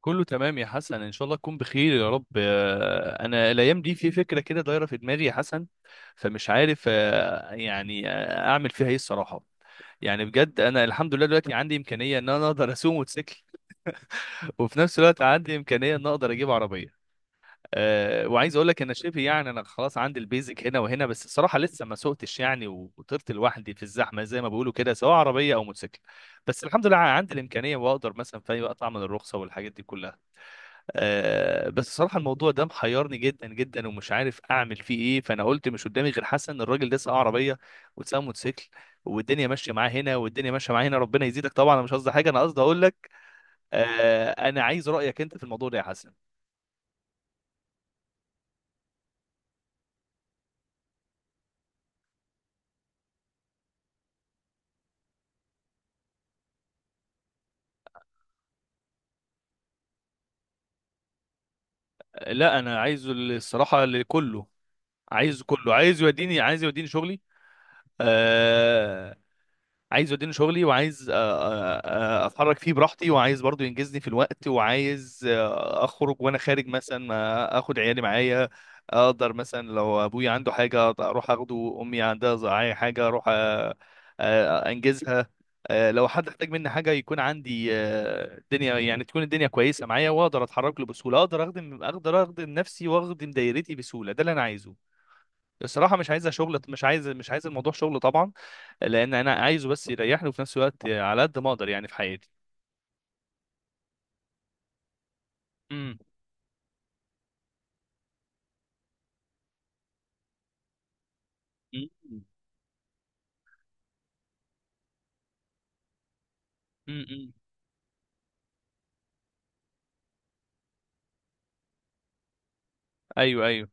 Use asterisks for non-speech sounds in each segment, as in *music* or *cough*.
كله تمام يا حسن، ان شاء الله تكون بخير يا رب. انا الايام دي في فكره كده دايره في دماغي يا حسن، فمش عارف، يعني اعمل فيها ايه الصراحه؟ يعني بجد انا الحمد لله دلوقتي عندي امكانيه ان انا اقدر اسوق موتوسيكل، وفي نفس الوقت عندي امكانيه ان اقدر اجيب عربيه. وعايز اقول لك، انا شبه يعني انا خلاص عندي البيزك هنا وهنا، بس الصراحه لسه ما سوقتش يعني وطرت لوحدي في الزحمه زي ما بيقولوا كده، سواء عربيه او موتوسيكل. بس الحمد لله عندي الامكانيه واقدر مثلا في اي وقت اعمل الرخصه والحاجات دي كلها. بس صراحة الموضوع ده محيرني جدا جدا، ومش عارف اعمل فيه ايه. فانا قلت مش قدامي غير حسن، الراجل ده سواق عربية وسواق موتوسيكل، والدنيا ماشية معاه هنا والدنيا ماشية معاه هنا. ربنا يزيدك طبعا، انا مش قصدي حاجة، انا قصدي اقول لك. انا عايز رأيك انت في الموضوع ده يا حسن. لا، انا عايز الصراحة لكله، عايز كله، عايز يوديني شغلي. آه، عايز يوديني شغلي، وعايز اتحرك فيه براحتي، وعايز برضو ينجزني في الوقت، وعايز اخرج، وانا خارج مثلا اخد عيالي معايا. اقدر مثلا لو ابويا عنده حاجه اروح اخده، امي عندها أي حاجه اروح انجزها. لو حد احتاج مني حاجه يكون عندي، الدنيا يعني تكون الدنيا كويسه معايا، واقدر اتحرك له بسهوله، اقدر اخدم نفسي واخدم دايرتي بسهوله. ده اللي انا عايزه الصراحه. مش عايزه شغل، مش عايز الموضوع شغل طبعا، لان انا عايزه بس يريحني، وفي نفس الوقت على قد ما اقدر يعني في حياتي. امم. امم. امم. ايوه. ايوه.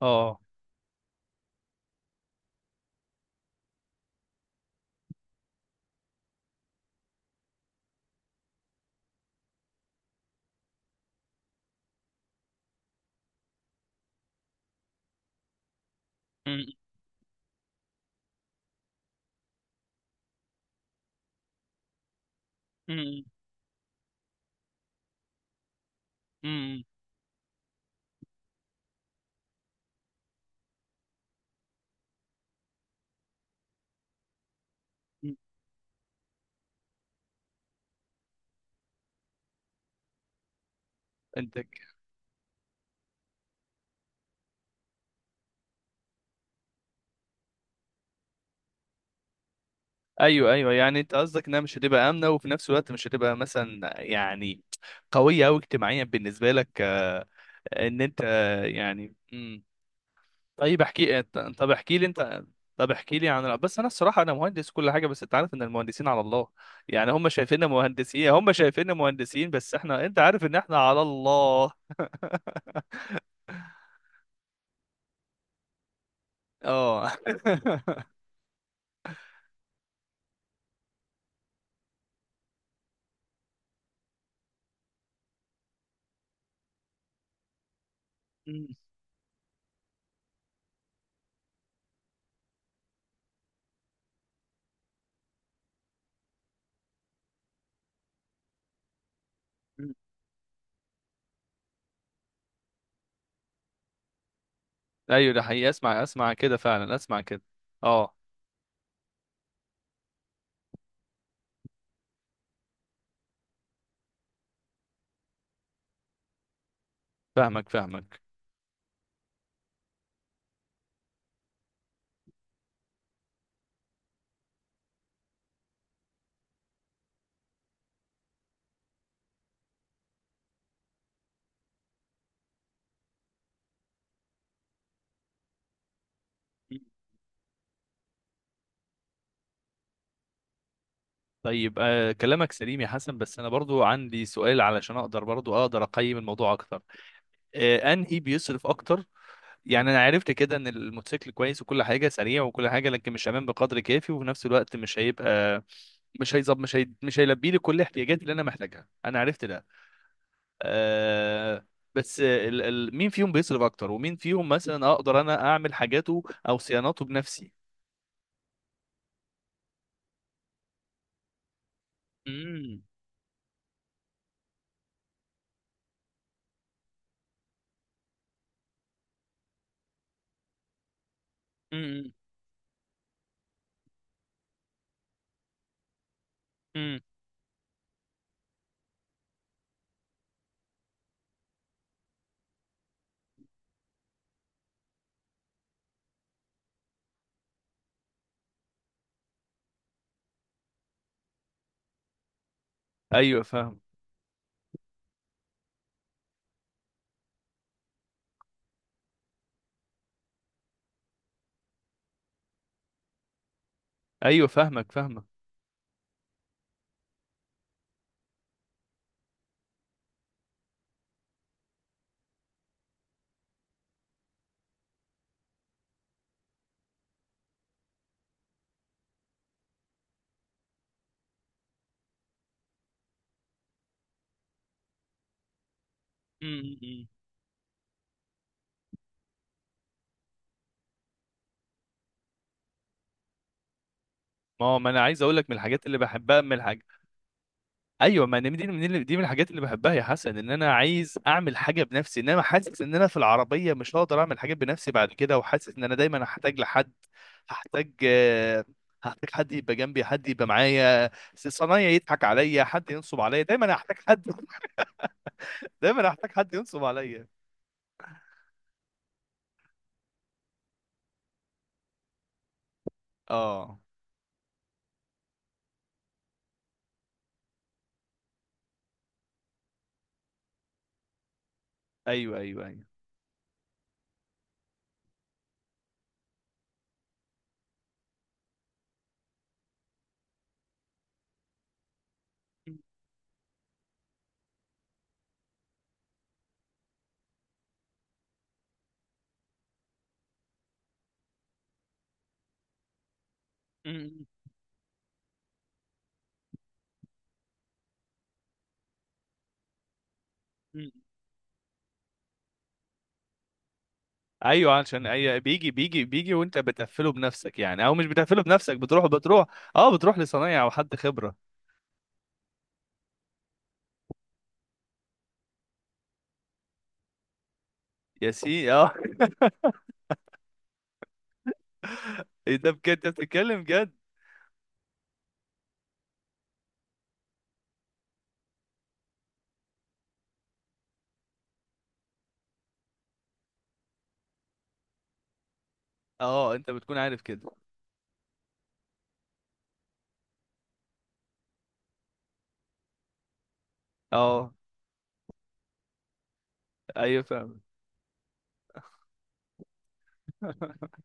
اه. امم. امم. امم. انت. ايوه، ايوه، يعني انت قصدك انها مش هتبقى امنه، وفي نفس الوقت مش هتبقى مثلا يعني قويه او اجتماعيا بالنسبه لك، ان انت يعني. امم. طيب، احكي انت، طب احكي لي انت، طب احكي لي عن. بس انا الصراحه انا مهندس كل حاجه، بس انت عارف ان المهندسين على الله، يعني هم شايفيننا مهندسين، يعني هم شايفيننا مهندسين بس احنا انت عارف ان احنا على الله. اه. *laughs* مم. ايوه ده حقيقي، اسمع اسمع كده فعلا، اسمع كده. اه، فاهمك فاهمك. طيب كلامك سليم يا حسن، بس انا برضو عندي سؤال علشان اقدر برضو اقدر اقيم الموضوع اكتر. انهي بيصرف اكتر؟ يعني انا عرفت كده ان الموتوسيكل كويس وكل حاجه سريع وكل حاجه، لكن مش امان بقدر كافي، وفي نفس الوقت مش هيلبي لي كل احتياجاتي اللي انا محتاجها. انا عرفت ده. آه... بس مين فيهم بيصرف اكتر، ومين فيهم مثلا اقدر انا اعمل حاجاته او صيانته بنفسي؟ امم. امم. امم. ايوه فاهم. ايوه فاهمك فاهمك. امم. ما انا عايز اقول لك، من الحاجات اللي بحبها، من الحاجات. ايوه، ما أنا دي من الحاجات اللي بحبها يا حسن، ان انا عايز اعمل حاجه بنفسي. انما حاسس ان انا في العربيه مش هقدر اعمل حاجات بنفسي بعد كده، وحاسس ان انا دايما هحتاج لحد، هحتاج هحتاج حد يبقى جنبي، حد يبقى معايا صنايعي، يضحك عليا، حد ينصب عليا، دايما هحتاج حد *laughs* دايما هحتاج حد ينصب عليا. اه. ايوه ايوه ايوه. م- م- م. ايوه، عشان اي، بيجي بيجي بيجي، وانت بتقفله بنفسك يعني، او مش بتقفله بنفسك، بتروح. اه، بتروح لصنايعي او حد خبره. يا سي اه. ايه ده بجد، انت بتتكلم جد؟ اه، انت بتكون عارف كده. اه، ايوه فاهم. *laughs*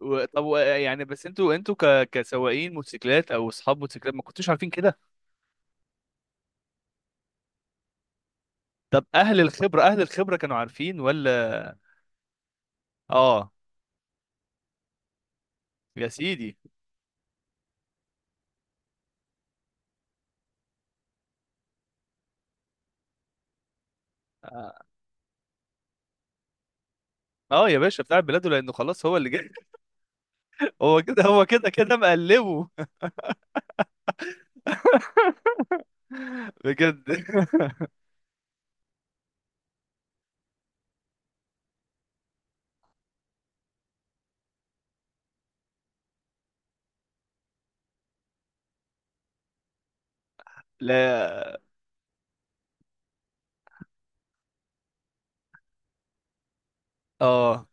طب يعني بس، انتوا كسواقين موتوسيكلات او اصحاب موتوسيكلات، ما كنتوش عارفين كده؟ طب اهل الخبره، اهل الخبره كانوا عارفين ولا؟ اه. يا سيدي. اه. آه يا باشا، بتاع بلاده لانه خلاص هو اللي جاي. *laughs* هو كده، هو كده كده مقلبه. *laughs* بجد. *laughs* لا. اه.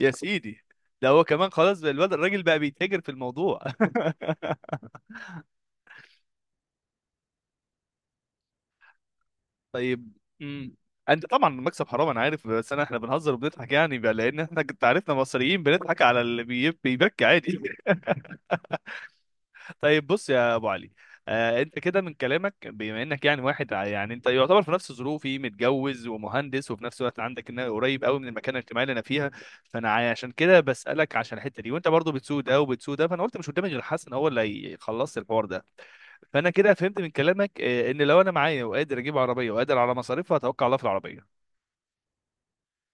يا سيدي، ده هو كمان خلاص بقى، الواد الراجل بقى بيتاجر في الموضوع. *laughs* طيب. امم. انت طبعا المكسب حرام، انا عارف، بس احنا بنهزر وبنضحك يعني بقى، لان احنا انت عارفنا مصريين بنضحك على اللي بيبكي عادي. *laughs* طيب، بص يا ابو علي. انت كده من كلامك، بما انك يعني واحد، يعني انت يعتبر في نفس ظروفي، متجوز ومهندس، وفي نفس الوقت عندك ان قريب قوي من المكان الاجتماعي اللي انا فيها. فانا عشان كده بسالك، عشان الحته دي، وانت برضو بتسود ده وبتسود ده، فانا قلت مش قدامي غير حسن هو اللي هيخلص الحوار ده. فانا كده فهمت من كلامك ان لو انا معايا وقادر اجيب عربيه وقادر على مصاريفها، اتوكل على الله في العربيه.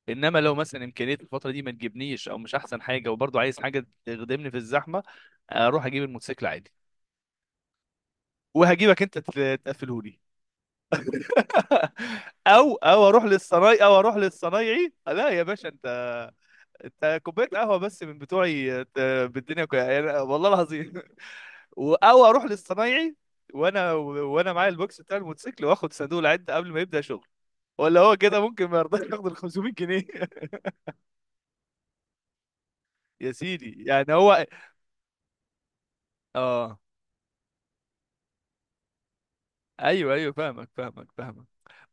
انما لو مثلا امكانيه الفتره دي ما تجيبنيش او مش احسن حاجه، وبرضه عايز حاجه تخدمني في الزحمه، اروح اجيب الموتوسيكل عادي، وهجيبك انت تقفله لي. *laughs* او او اروح للصنايعي، لا يا باشا، انت، انت كوبايه قهوه بس من بتوعي بالدنيا، يعني والله العظيم. *laughs* او اروح للصنايعي، وانا، وانا معايا البوكس بتاع الموتوسيكل، واخد صندوق العد قبل ما يبدا شغل. ولا هو كده ممكن ما يرضاش ياخد ال 500 جنيه؟ *laughs* يا سيدي يعني هو، اه. ايوه ايوه، فاهمك فاهمك فاهمك.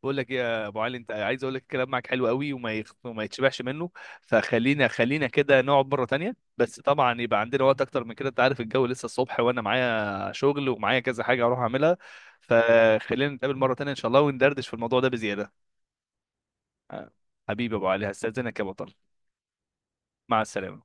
بقول لك ايه يا ابو علي، انت عايز اقول لك، الكلام معاك حلو قوي، وما يتشبعش منه. خلينا كده نقعد مره تانية، بس طبعا يبقى عندنا وقت اكتر من كده، انت عارف الجو لسه الصبح، وانا معايا شغل ومعايا كذا حاجه اروح اعملها. فخلينا نتقابل مره تانية ان شاء الله وندردش في الموضوع ده بزياده. آه، حبيبي يا ابو علي، هستاذنك يا بطل. مع السلامه